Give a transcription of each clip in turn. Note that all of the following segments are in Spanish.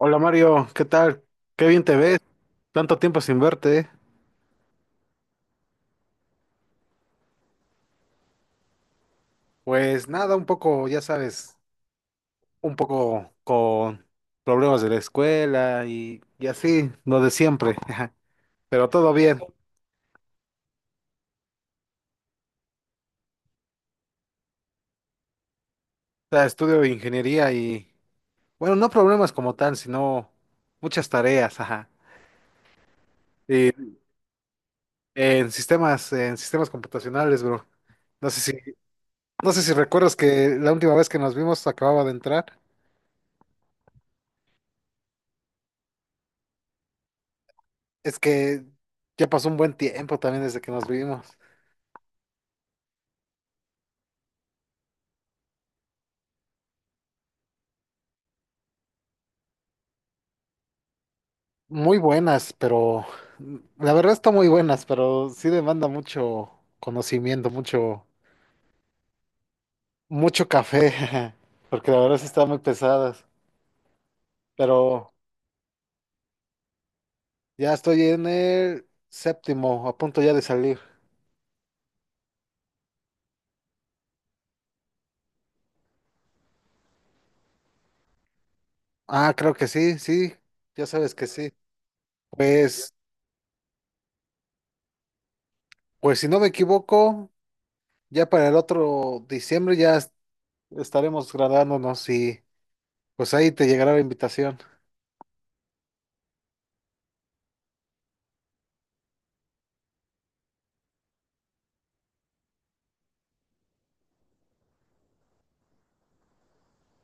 Hola Mario, ¿qué tal? Qué bien te ves. Tanto tiempo sin verte, ¿eh? Pues nada, un poco, ya sabes, un poco con problemas de la escuela y así, lo de siempre. Pero todo bien. O sea, estudio ingeniería y, bueno, no problemas como tal, sino muchas tareas. Ajá. Y en sistemas computacionales, bro. No sé no sé si recuerdas que la última vez que nos vimos acababa de entrar. Es que ya pasó un buen tiempo también desde que nos vimos. Muy buenas, pero la verdad está muy buenas, pero sí demanda mucho conocimiento, mucho, mucho café, porque la verdad sí están muy pesadas. Pero ya estoy en el séptimo, a punto ya de salir. Ah, creo que sí, sí, ya sabes que sí. Pues, pues si no me equivoco, ya para el otro diciembre ya estaremos graduándonos y pues ahí te llegará la invitación.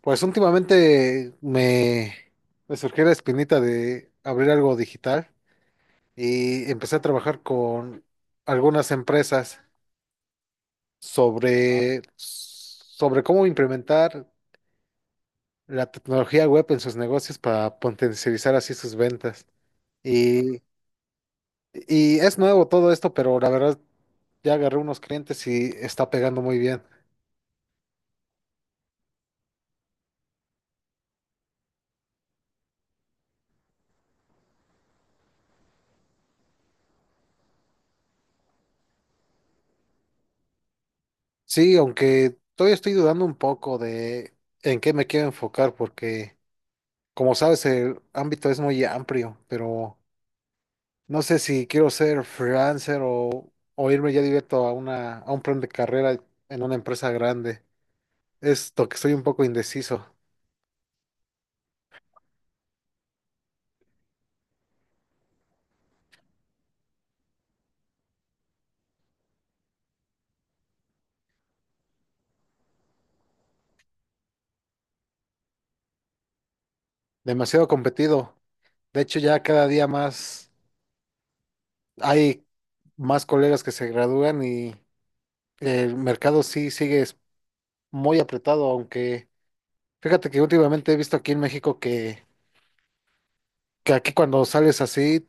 Pues últimamente me surgió la espinita de abrir algo digital y empecé a trabajar con algunas empresas sobre cómo implementar la tecnología web en sus negocios para potencializar así sus ventas. Y, y es nuevo todo esto, pero la verdad ya agarré unos clientes y está pegando muy bien. Sí, aunque todavía estoy dudando un poco de en qué me quiero enfocar porque, como sabes, el ámbito es muy amplio, pero no sé si quiero ser freelancer o irme ya directo a a un plan de carrera en una empresa grande. Esto que estoy un poco indeciso, demasiado competido. De hecho, ya cada día más hay más colegas que se gradúan y el mercado sí sigue muy apretado, aunque fíjate que últimamente he visto aquí en México que aquí cuando sales así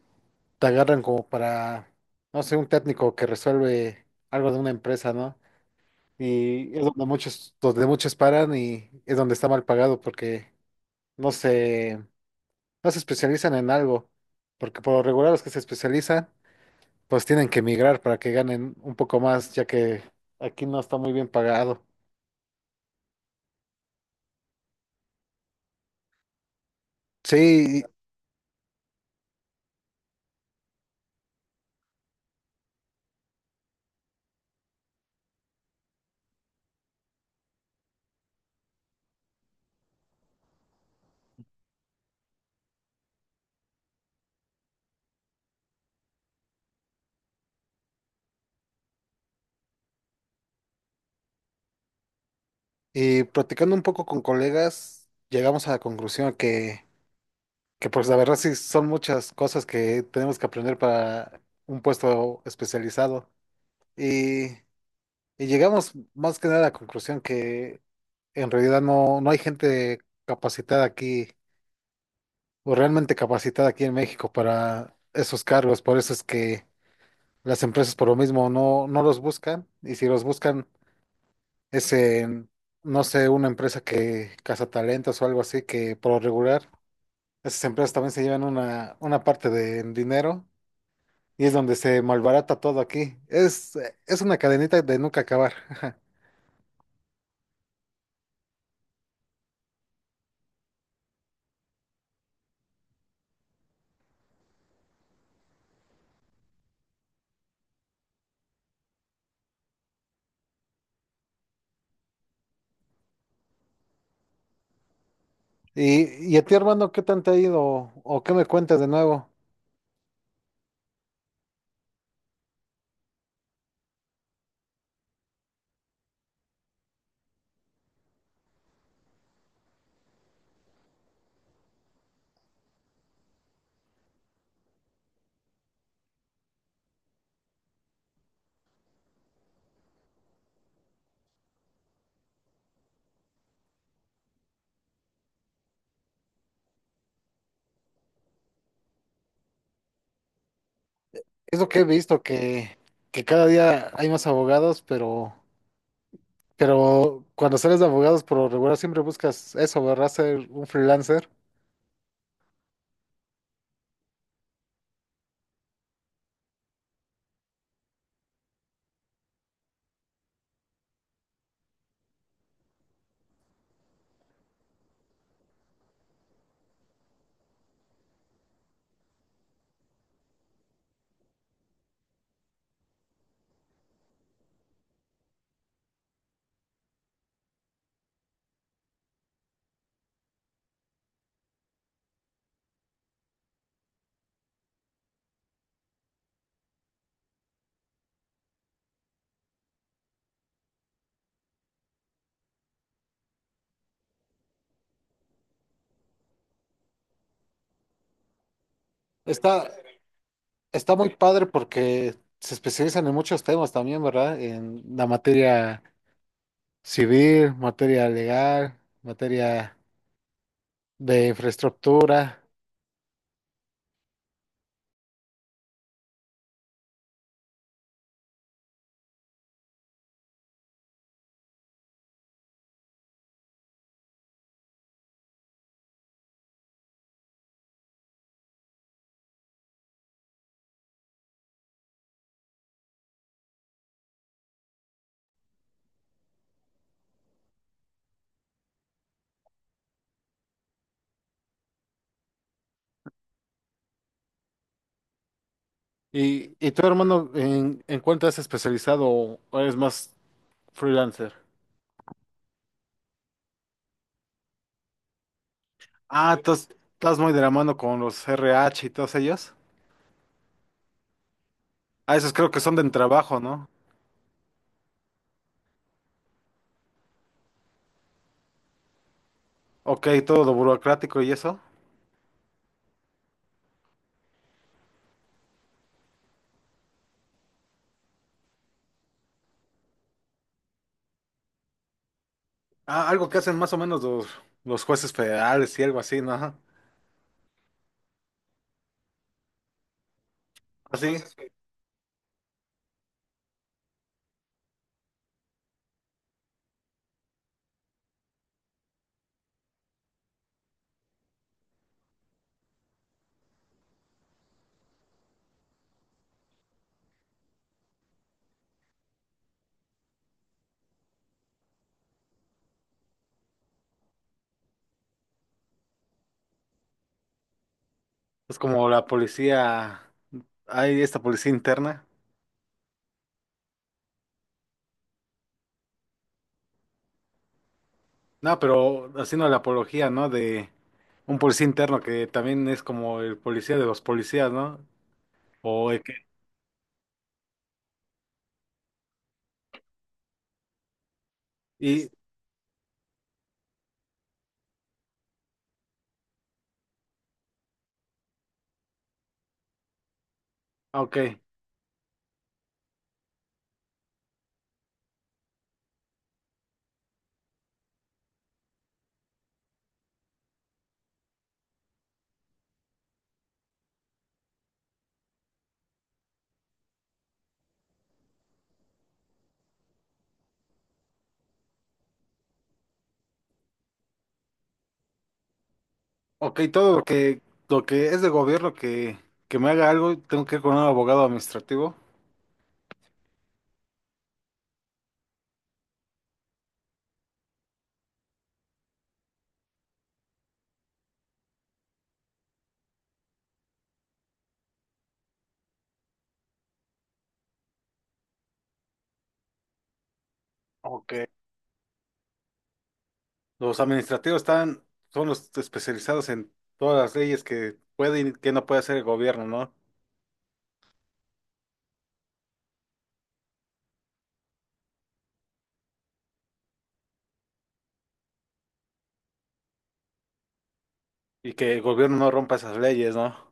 te agarran como para, no sé, un técnico que resuelve algo de una empresa, ¿no? Y es donde muchos paran y es donde está mal pagado porque no se, no se especializan en algo, porque por lo regular los que se especializan pues tienen que emigrar para que ganen un poco más, ya que aquí no está muy bien pagado. Sí, y platicando un poco con colegas, llegamos a la conclusión que pues la verdad sí son muchas cosas que tenemos que aprender para un puesto especializado. Y, y llegamos más que nada a la conclusión que en realidad no hay gente capacitada aquí, o realmente capacitada aquí en México, para esos cargos. Por eso es que las empresas por lo mismo no los buscan. Y si los buscan es en, no sé, una empresa que caza talentos o algo así, que por lo regular esas empresas también se llevan una parte de dinero. Y es donde se malbarata todo aquí. Es una cadenita de nunca acabar. Y, y a ti, hermano, ¿qué tanto ha ido? ¿O qué me cuentas de nuevo? Es lo que he visto, que cada día hay más abogados, pero cuando sales de abogados por lo regular siempre buscas eso, ¿verdad? Ser un freelancer. Está, está muy padre porque se especializan en muchos temas también, ¿verdad? En la materia civil, materia legal, materia de infraestructura. Y tú, hermano, en cuánto has especializado o eres más freelancer? Ah, entonces estás muy de la mano con los RH y todos ellos. Ah, esos creo que son de trabajo, ¿no? Ok, todo lo burocrático y eso. Ah, algo que hacen más o los jueces federales y algo así, ¿no? Así. Es como la policía, hay esta policía interna. No, pero haciendo la apología, ¿no? De un policía interno que también es como el policía de los policías, ¿no? O el que- y, Ok, ok, todo lo que es de gobierno que me haga algo, tengo que ir con un abogado administrativo. Ok. Los administrativos están, son los especializados en todas las leyes que puede y que no puede hacer el gobierno, ¿no? Y que el gobierno no rompa esas leyes, ¿no?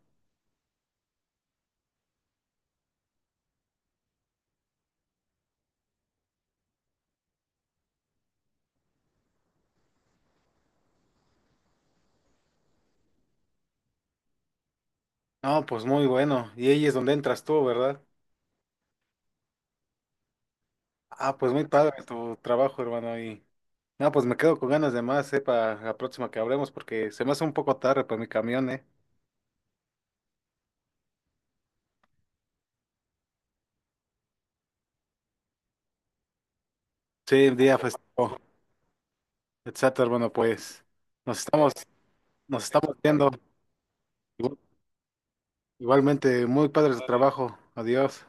No, pues muy bueno. Y ahí es donde entras tú, ¿verdad? Ah, pues muy padre tu trabajo, hermano. Y no, pues me quedo con ganas de más, ¿eh? Para la próxima que hablemos, porque se me hace un poco tarde para mi camión, ¿eh? Sí, día festivo. Exacto, bueno, pues nos estamos, nos estamos viendo. Igual- Igualmente, muy padre su trabajo. Adiós.